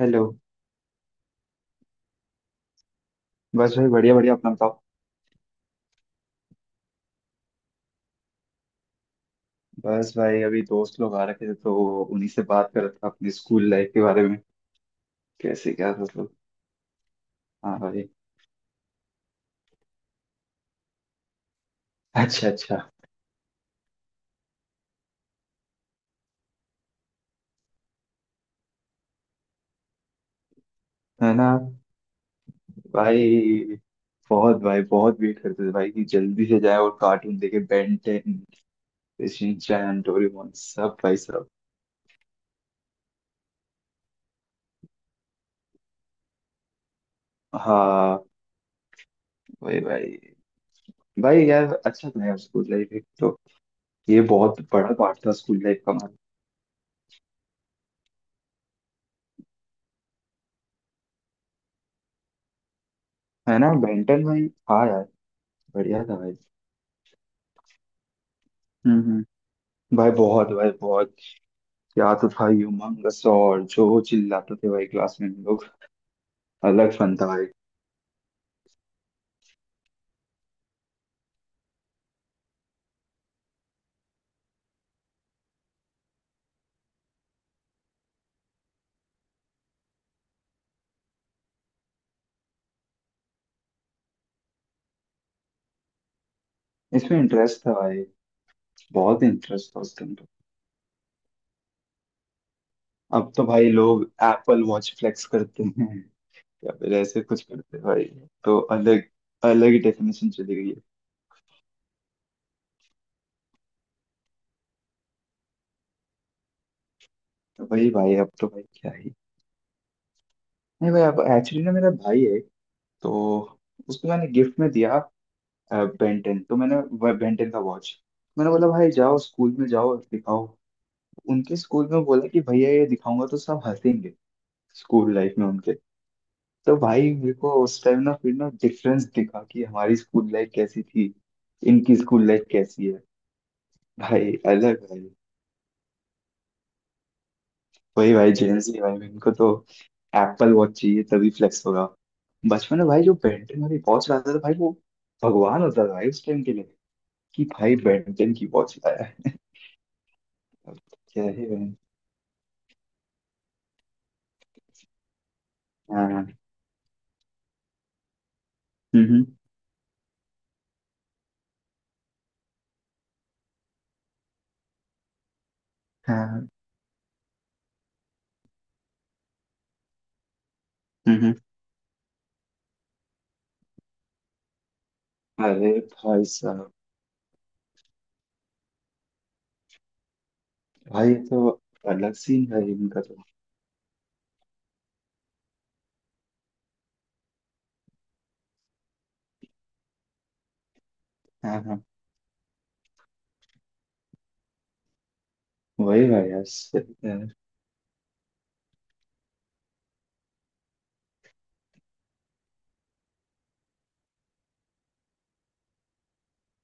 Hello. बस भाई, बढ़िया बढ़िया, अपना बताओ। बस भाई, अभी दोस्त लोग आ रखे थे तो उन्हीं से बात कर रहा था अपने स्कूल लाइफ के बारे में। कैसे? क्या मतलब? हाँ भाई। अच्छा अच्छा। है ना भाई, बहुत भाई बहुत वेट करते थे भाई कि जल्दी से जाए और कार्टून देखे बेन टेन। शिनचैन, डोरेमोन, सब भाई सब। हाँ। भाई भाई। भाई यार, अच्छा था यार स्कूल लाइफ, एक तो ये बहुत बड़ा पार्ट था स्कूल लाइफ का हमारा। है ना, बेन टेन भाई, हाँ यार। बढ़िया था भाई। हम्म। भाई बहुत, भाई बहुत। क्या तो था ये उमंगस, और जो चिल्लाते थे भाई क्लास में हम लोग। अलग फन था भाई। इसमें इंटरेस्ट था भाई। बहुत इंटरेस्ट था उस टाइम तो। अब तो भाई लोग एप्पल वॉच फ्लेक्स करते हैं। या फिर ऐसे कुछ करते हैं भाई। तो अलग अलग ही डेफिनेशन चली गई है। तो भाई भाई, अब तो भाई क्या ही। नहीं भाई, अब एक्चुअली ना, मेरा भाई है। तो उसको मैंने गिफ्ट में दिया। बेंटेन तो मैंने, बेंटेन का वॉच। मैंने बोला भाई जाओ स्कूल में जाओ दिखाओ। उनके स्कूल में बोला कि भैया ये दिखाऊंगा तो सब हंसेंगे। स्कूल लाइफ में उनके। तो भाई मेरे को उस टाइम ना फिर ना डिफरेंस दिखा कि हमारी स्कूल लाइफ कैसी थी, इनकी स्कूल लाइफ कैसी है। भाई अलग भाई। वही भाई, जेंजी भाई, इनको तो एप्पल वॉच चाहिए तभी फ्लेक्स होगा। बचपन में भाई जो बेंटन वाली वॉच लाता था भाई, वो भगवान होता था भाई उस टाइम के लिए। कि भाई बेंटन की वॉच लाया है। क्या ही भाई। हाँ, हम्म। हाँ, हम्म, हम्म। अरे भाई साहब। भाई ये तो अलग सीन है इनका तो। हाँ हाँ। वही भाई यार, सही है।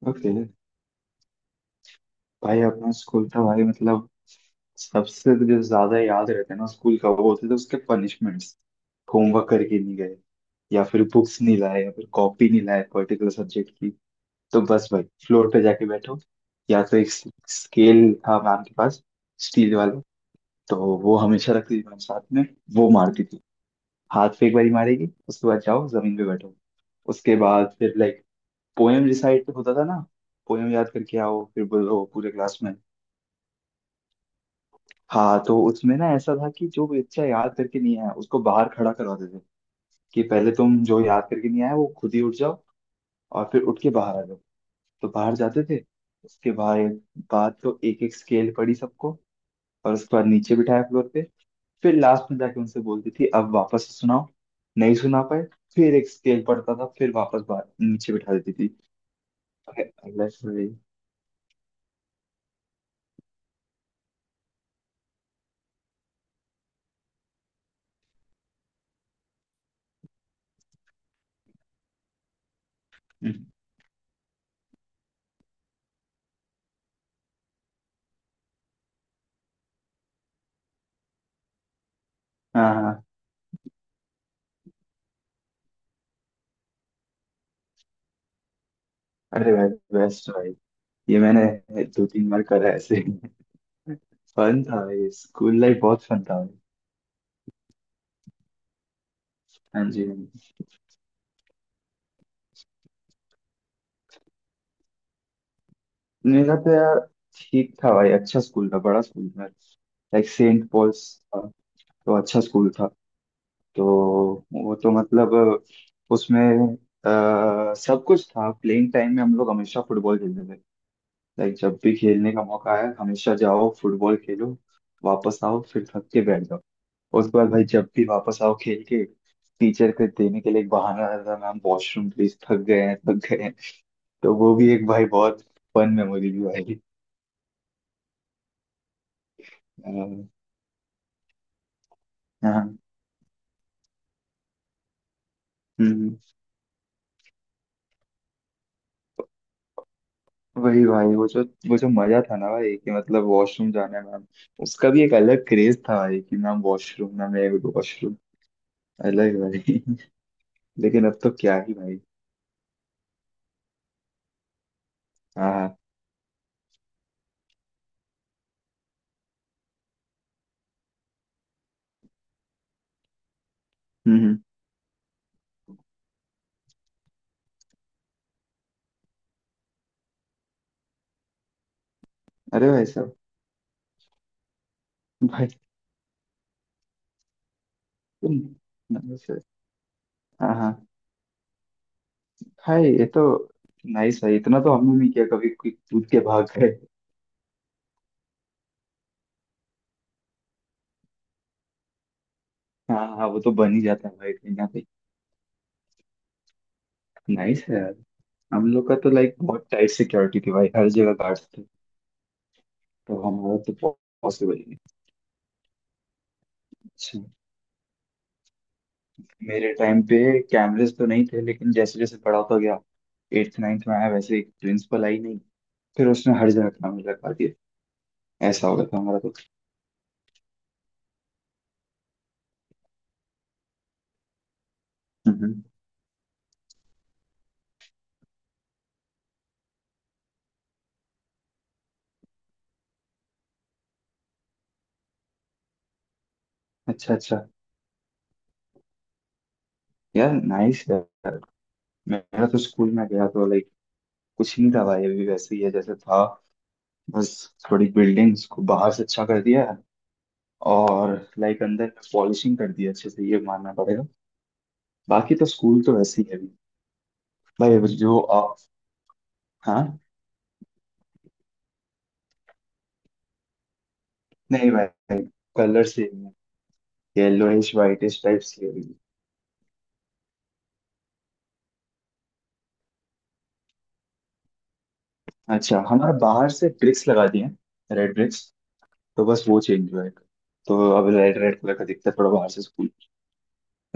ओके। भाई अपना स्कूल था भाई, मतलब सबसे जो ज्यादा याद रहता है ना स्कूल का, वो होते थे उसके पनिशमेंट्स। होमवर्क करके नहीं गए, या फिर बुक्स नहीं लाए, या फिर कॉपी नहीं लाए पर्टिकुलर सब्जेक्ट की, तो बस भाई फ्लोर पे जाके बैठो। या तो एक स्केल था मैम के पास, स्टील वाला। तो वो हमेशा रखती थी मैम साथ में। वो मारती थी। हाथ पे एक बारी मारेगी, उसके बाद जाओ जमीन पे बैठो। उसके बाद फिर लाइक पोएम रिसाइट होता था ना, पोएम याद करके आओ फिर बोलो पूरे क्लास में। हाँ तो उसमें ना ऐसा था कि जो बच्चा याद करके नहीं आया उसको बाहर खड़ा करवाते थे। कि पहले तुम जो याद करके नहीं आया वो खुद ही उठ जाओ और फिर उठ के बाहर आ जाओ। तो बाहर जाते थे। उसके बाद बाद तो एक एक स्केल पड़ी सबको, और उसके बाद नीचे बिठाया फ्लोर पे। फिर लास्ट में जाके उनसे बोलती थी अब वापस से सुनाओ। नहीं सुना पाए, फिर एक स्केल पढ़ता था फिर वापस बाहर नीचे बिठा देती थी। अरे अलेक्स भाई। हम्म, हाँ हाँ। अरे भाई बेस्ट भाई, ये मैंने 2-3 बार करा है ऐसे। फन था भाई, स्कूल लाइफ बहुत फन था भाई। हाँ जी, हाँ जी। मेरा तो यार ठीक था भाई, अच्छा स्कूल था, बड़ा स्कूल था, लाइक सेंट पॉल्स था। तो अच्छा स्कूल था। तो वो तो मतलब उसमें सब कुछ था। प्लेइंग टाइम में हम लोग हमेशा फुटबॉल खेलते थे। लाइक जब भी खेलने का मौका आया हमेशा जाओ फुटबॉल खेलो, वापस आओ फिर थक के बैठ जाओ। उसके बाद भाई जब भी वापस आओ खेल के, टीचर के देने के लिए एक बहाना रहता था मैम वॉशरूम प्लीज, थक गए हैं थक गए हैं। तो वो भी एक भाई बहुत फन मेमोरी भी भाई। अ, हाँ, हम्म। वही भाई, वो जो, वो जो मजा था ना भाई कि मतलब वॉशरूम जाने में उसका भी एक अलग क्रेज था भाई कि मैम वॉशरूम ना, मैं वॉशरूम। अलग भाई लेकिन अब तो क्या ही भाई। हाँ हाँ, हम्म हम्म। अरे भाई साहब। भाई तुम, नमस्ते। हाँ हाँ। भाई ये तो नाइस भाई, इतना तो हमने नहीं किया कभी, कोई कूद के भाग गए। हाँ हाँ, वो तो बन ही जाता है भाई कहीं ना कहीं। नाइस है यार। हम लोग का तो लाइक बहुत टाइट सिक्योरिटी थी भाई, हर जगह गार्ड्स थे। तो हमारा तो पॉसिबल ही नहीं। अच्छा। मेरे टाइम पे कैमरेज तो नहीं थे, लेकिन जैसे जैसे बड़ा होता गया, एट्थ नाइन्थ में आया, वैसे एक प्रिंसिपल आई नहीं, फिर उसने हर जगह कैमरे लगा दिए। ऐसा हो गया था हमारा तो। हम्म। अच्छा अच्छा। यार नाइस यार। मेरा तो स्कूल में गया तो लाइक कुछ नहीं था भाई, अभी वैसे ही है जैसे था। बस थोड़ी बिल्डिंग्स को बाहर से अच्छा कर दिया है, और लाइक अंदर पॉलिशिंग कर दिया अच्छे से, ये मानना पड़ेगा। बाकी तो स्कूल तो वैसे ही है अभी। भाई जो आप, हाँ, नहीं भाई, कलर से येलोइश वाइटिश टाइप्स की होगी। अच्छा, हमारे बाहर से ब्रिक्स लगा दिए हैं, रेड ब्रिक्स, तो बस वो चेंज हुआ है। तो अब रेड रेड कलर का दिखता है थोड़ा बाहर से स्कूल।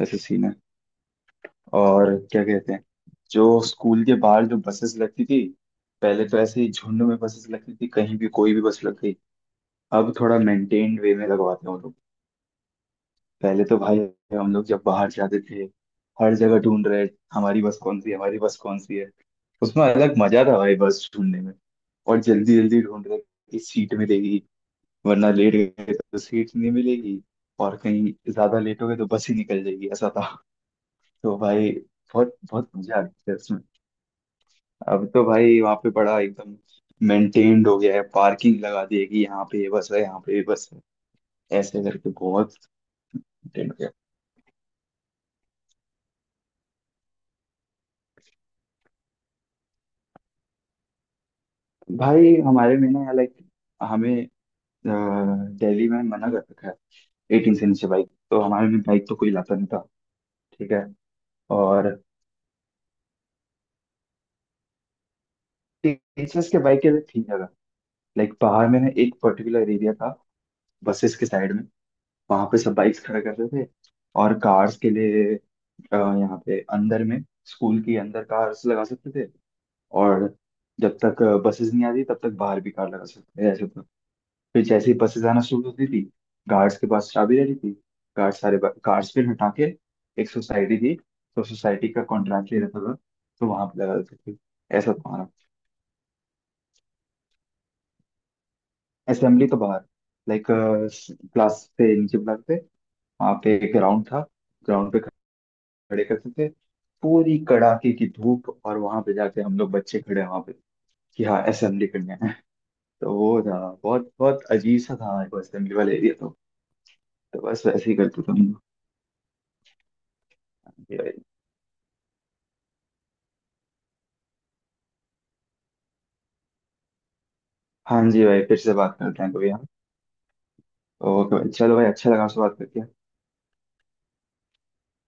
ऐसे सीन है। और क्या कहते हैं, जो स्कूल के बाहर जो बसेस लगती थी, पहले तो ऐसे ही झुंड में बसेस लगती थी, कहीं भी कोई भी बस लग गई। अब थोड़ा मेंटेन्ड वे में लगवाते हैं वो लोग। पहले तो भाई हम लोग जब बाहर जाते थे, हर जगह ढूंढ रहे, हमारी बस कौन सी है, हमारी बस कौन सी है। उसमें अलग मजा था भाई बस ढूंढने में। और जल्दी जल्दी ढूंढ रहे कि सीट मिलेगी, वरना लेट गए तो सीट नहीं मिलेगी, और कहीं ज्यादा लेट हो गए तो बस ही निकल जाएगी, ऐसा था। तो भाई बहुत बहुत मजा आती है उसमें। अब तो भाई वहाँ पे बड़ा एकदम मेंटेन्ड हो गया है, पार्किंग लगा दी है कि यहाँ पे ये बस है, यहाँ पे ये बस है, ऐसे करके बहुत maintained। भाई हमारे में ना लाइक हमें अ, दिल्ली में मना कर रखा है 18 से नीचे बाइक, तो हमारे में बाइक तो कोई लाता नहीं था। ठीक है। और टीचर्स के बाइक के लिए थी जगह, लाइक बाहर में ना एक पर्टिकुलर एरिया था, बसेस के साइड में, वहां पे सब बाइक्स खड़ा करते थे। और कार्स के लिए यहाँ पे अंदर में, स्कूल के अंदर कार्स लगा सकते थे। और जब तक बसेस नहीं आती तब तक बाहर भी कार लगा सकते थे ऐसे। फिर जैसे ही बसेस आना शुरू होती थी, गार्ड्स के पास चाबी रहती थी, गार्ड सारे गार्ड्स फिर हटा के, एक सोसाइटी थी, तो सोसाइटी का कॉन्ट्रैक्ट ले रहता था, तो वहां पे लगा देते थे। ऐसा था हमारा। असेंबली तो बाहर, लाइक क्लास से नीचे बुलाते थे, वहां पे एक ग्राउंड था, ग्राउंड पे खड़े करते थे। पूरी कड़ाके की धूप, और वहां पे जाके हम लोग बच्चे खड़े हैं वहां पे कि हाँ असेंबली करने हैं। तो वो था। बहुत बहुत अजीब सा था हमारे को असेंबली वाला एरिया तो। तो बस वैसे ही करते थे हम लोग। हाँ जी भाई, फिर से बात करते हैं कभी हम। ओके भाई, चलो भाई, अच्छा लगा आपसे बात करके।